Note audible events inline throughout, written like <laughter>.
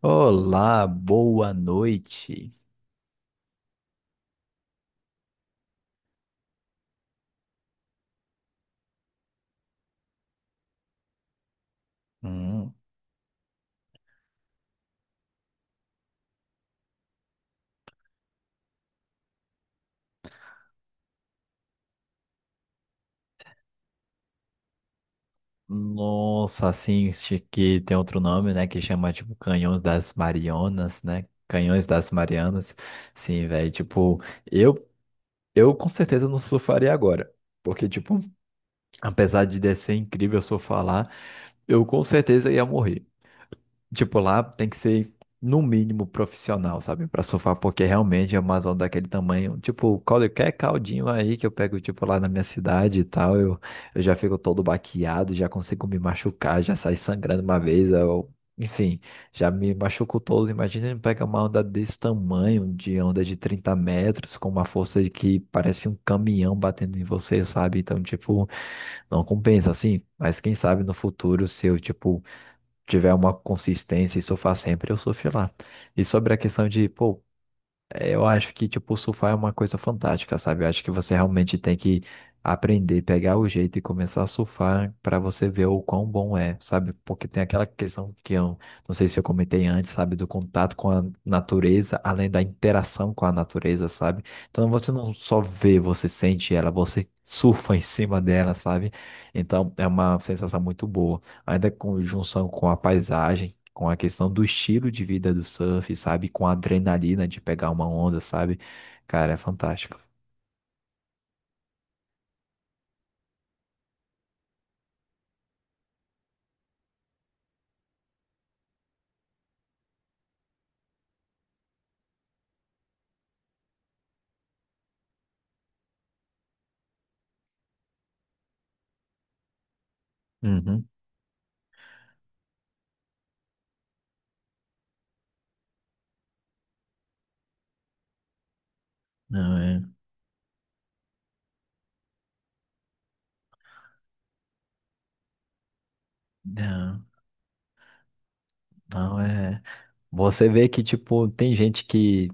Olá, boa noite. Hum, Nossa, assim, acho que tem outro nome, né, que chama, tipo, Canhões das Marianas, né? Canhões das Marianas. Sim, velho, tipo, eu, eu com certeza não surfaria agora. Porque, tipo, apesar de ser incrível se eu falar, eu com certeza ia morrer. Tipo, lá tem que ser, no mínimo, profissional, sabe? Pra surfar, porque realmente é uma zona daquele tamanho. Tipo, qualquer caldinho aí que eu pego, tipo, lá na minha cidade e tal, eu já fico todo baqueado, já consigo me machucar, já saí sangrando uma vez, enfim, já me machuco todo. Imagina pegar uma onda desse tamanho, de onda de 30 metros, com uma força de que parece um caminhão batendo em você, sabe? Então, tipo. Não compensa, assim. Mas quem sabe no futuro, se eu, tipo, tiver uma consistência e surfar sempre, eu surfo lá. E sobre a questão de, pô, eu acho que, tipo, surfar é uma coisa fantástica, sabe? Eu acho que você realmente tem que aprender, pegar o jeito e começar a surfar para você ver o quão bom é, sabe? Porque tem aquela questão que eu não sei se eu comentei antes, sabe? Do contato com a natureza, além da interação com a natureza, sabe? Então você não só vê, você sente ela, você surfa em cima dela, sabe? Então é uma sensação muito boa. Ainda com junção com a paisagem com a questão do estilo de vida do surf, sabe? Com a adrenalina de pegar uma onda, sabe? Cara, é fantástico. Uhum. Não é. Não, não é. Você vê que, tipo, tem gente que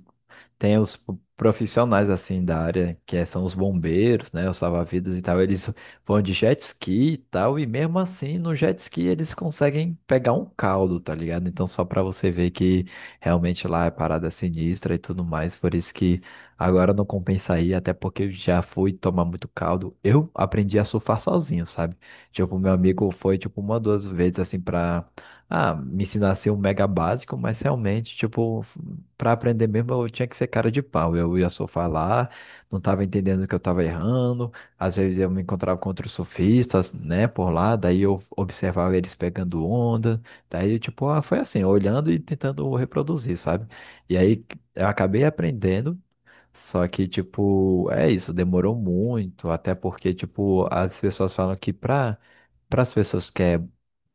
tem os profissionais assim da área, que são os bombeiros, né, os salva-vidas e tal, eles vão de jet ski e tal, e mesmo assim no jet ski eles conseguem pegar um caldo, tá ligado? Então só pra você ver que realmente lá é parada sinistra e tudo mais, por isso que agora não compensa ir, até porque eu já fui tomar muito caldo. Eu aprendi a surfar sozinho, sabe? Tipo, meu amigo foi tipo uma duas vezes assim pra me ensinar a ser um mega básico, mas realmente, tipo, para aprender mesmo, eu tinha que ser cara de pau. Eu ia surfar lá, não estava entendendo que eu estava errando. Às vezes eu me encontrava com outros surfistas, né, por lá. Daí eu observava eles pegando onda. Daí, tipo, ah, foi assim, olhando e tentando reproduzir, sabe? E aí eu acabei aprendendo. Só que, tipo, é isso, demorou muito, até porque, tipo, as pessoas falam que para as pessoas que é,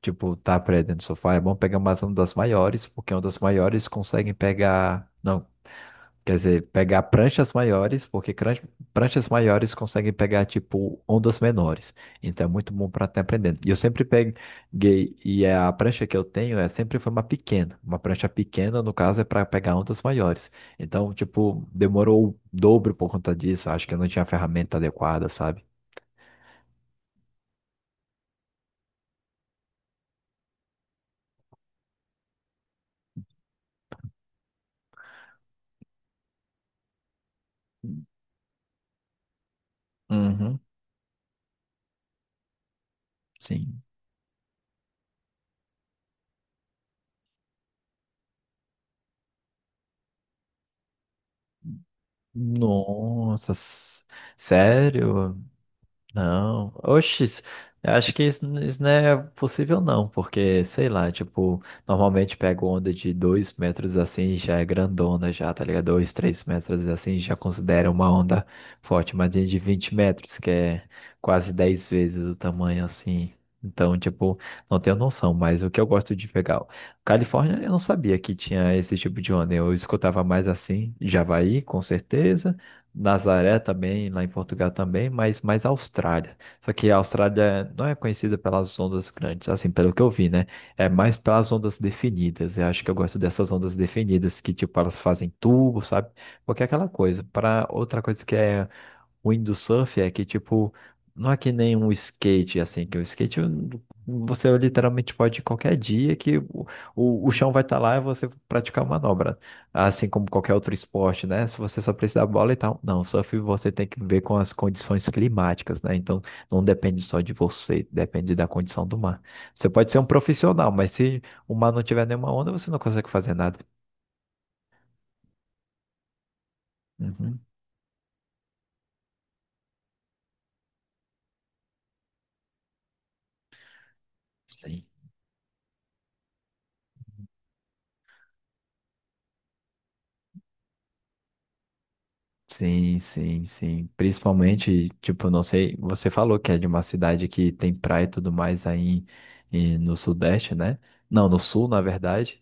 tipo, tá aprendendo sofá, é bom pegar umas ondas maiores, porque ondas maiores conseguem pegar, não, quer dizer, pegar pranchas maiores, porque pranchas maiores conseguem pegar, tipo, ondas menores. Então é muito bom para estar aprendendo. E eu sempre peguei, e é a prancha que eu tenho é sempre foi uma pequena. Uma prancha pequena, no caso, é para pegar ondas maiores. Então, tipo, demorou o dobro por conta disso. Acho que eu não tinha a ferramenta adequada, sabe? Uhum. Sim. Nossa, sério? Não, oxe, isso, eu acho que isso não é possível não, porque, sei lá, tipo, normalmente pego onda de 2 metros assim, já é grandona já, tá ligado? 2, 3 metros assim, já considera uma onda forte, mas de 20 metros, que é quase 10 vezes o tamanho assim. Então, tipo, não tenho noção, mas o que eu gosto de pegar. Califórnia, eu não sabia que tinha esse tipo de onda, eu escutava mais assim, Javaí, com certeza, Nazaré também, lá em Portugal também, mas mais a Austrália. Só que a Austrália não é conhecida pelas ondas grandes, assim, pelo que eu vi, né? É mais pelas ondas definidas. Eu acho que eu gosto dessas ondas definidas, que, tipo, elas fazem tubo, sabe? Porque é aquela coisa. Para outra coisa que é o windsurf é que, tipo, não é que nem um skate, assim, que o skate você literalmente pode ir qualquer dia que o chão vai estar lá e você praticar a manobra. Assim como qualquer outro esporte, né? Se você só precisa da bola e tal. Não, surf você tem que ver com as condições climáticas, né? Então, não depende só de você, depende da condição do mar. Você pode ser um profissional, mas se o mar não tiver nenhuma onda, você não consegue fazer nada. Uhum. Sim. Sim, sim, sim. Principalmente, tipo, não sei, você falou que é de uma cidade que tem praia e tudo mais aí em, no Sudeste, né? Não, no Sul, na verdade.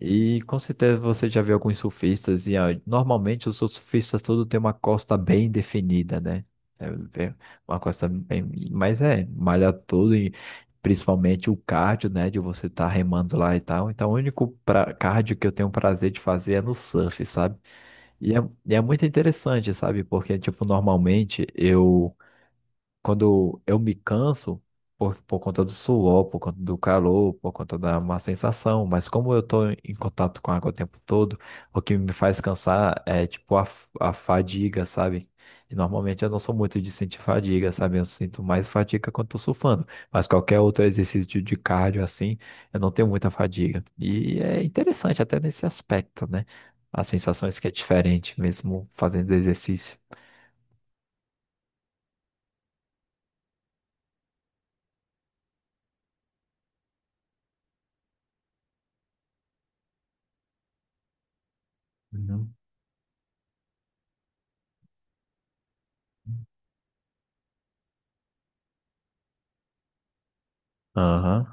E com certeza você já viu alguns surfistas e ah, normalmente os surfistas todos têm uma costa bem definida, né? É, bem, uma costa bem, mas é, malha tudo e principalmente o cardio, né, de você estar remando lá e tal. Então, o único pra, cardio que eu tenho prazer de fazer é no surf, sabe? E é, e é muito interessante, sabe? Porque, tipo, normalmente eu quando eu me canso por conta do suor, por conta do calor, por conta da má sensação, mas como eu estou em contato com a água o tempo todo, o que me faz cansar é tipo a fadiga, sabe? E normalmente eu não sou muito de sentir fadiga, sabe? Eu sinto mais fadiga quando estou surfando, mas qualquer outro exercício de cardio assim, eu não tenho muita fadiga. E é interessante até nesse aspecto, né? As sensações que é diferente mesmo fazendo exercício. Uhum. Aham,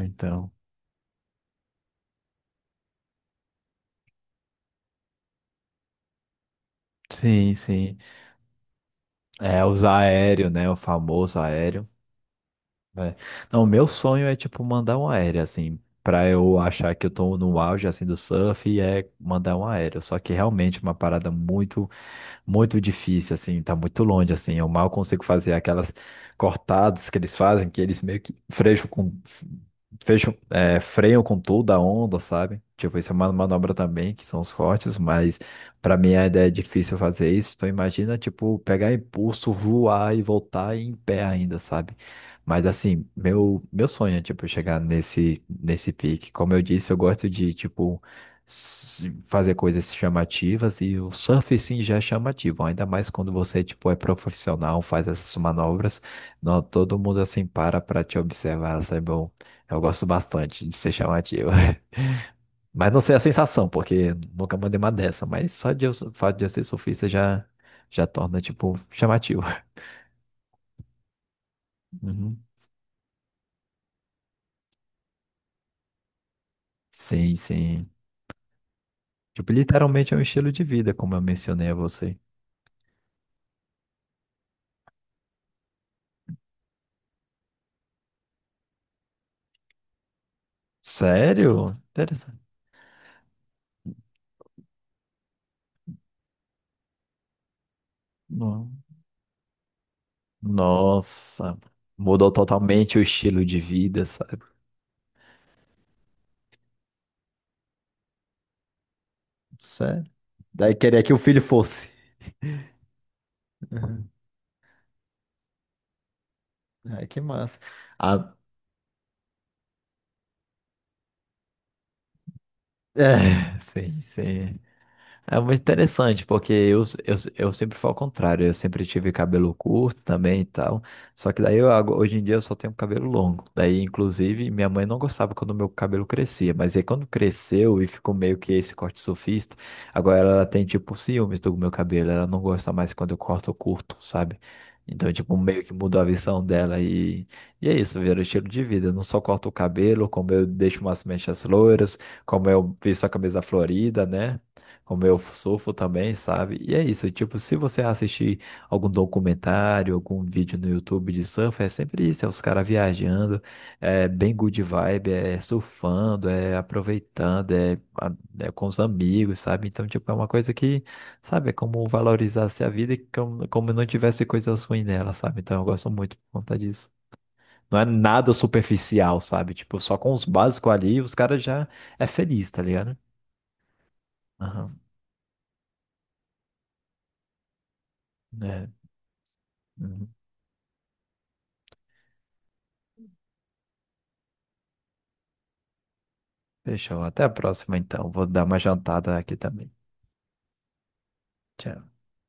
então. Sim, sim. É, os aéreo, né? O famoso aéreo. Né? Não, o meu sonho é, tipo, mandar um aéreo, assim, pra eu achar que eu tô no auge, assim, do surf, e é mandar um aéreo. Só que realmente é uma parada muito muito difícil, assim, tá muito longe, assim. Eu mal consigo fazer aquelas cortadas que eles fazem, que eles meio que freixam com, fecham, freiam com toda a onda, sabe? Tipo, isso é uma manobra também, que são os cortes, mas pra mim a ideia é difícil fazer isso. Então imagina, tipo, pegar impulso, voar e voltar em pé ainda, sabe? Mas assim, meu sonho é, tipo, chegar nesse pique. Como eu disse, eu gosto de, tipo, fazer coisas chamativas e o surf sim já é chamativo, ainda mais quando você tipo é profissional, faz essas manobras, não todo mundo assim para te observar, isso é bom. Eu gosto bastante de ser chamativo. <laughs> Mas não sei a sensação, porque nunca mandei uma dessa, mas só de eu, o fato de eu ser surfista já já torna tipo chamativo. <laughs> Uhum. Sim, sim. Tipo, literalmente é um estilo de vida, como eu mencionei a você. Sério? Interessante. Não. Nossa, mudou totalmente o estilo de vida, sabe? Sério. Daí queria que o filho fosse. Uhum. Ai, que massa. Ah, é, <laughs> sim, sim. É muito interessante, porque eu sempre fui ao contrário, eu sempre tive cabelo curto também e tal, só que daí eu, hoje em dia eu só tenho cabelo longo, daí inclusive minha mãe não gostava quando meu cabelo crescia, mas aí quando cresceu e ficou meio que esse corte surfista, agora ela tem tipo ciúmes do meu cabelo, ela não gosta mais quando eu corto curto, sabe? Então tipo meio que mudou a visão dela e é isso, virou estilo de vida, eu não só corto o cabelo, como eu deixo umas mechas loiras, como eu visto a camisa florida, né? Como eu surfo também, sabe? E é isso, tipo, se você assistir algum documentário, algum vídeo no YouTube de surf, é sempre isso, é os caras viajando, é bem good vibe, é surfando, é aproveitando, é, a, é com os amigos, sabe? Então, tipo, é uma coisa que, sabe, é como valorizar a vida e como, como não tivesse coisas ruins nela, sabe? Então, eu gosto muito por conta disso. Não é nada superficial, sabe? Tipo, só com os básicos ali, os caras já é feliz, tá ligado? Aham, é. Uhum. Fechou. Até a próxima, então. Vou dar uma jantada aqui também. Tchau.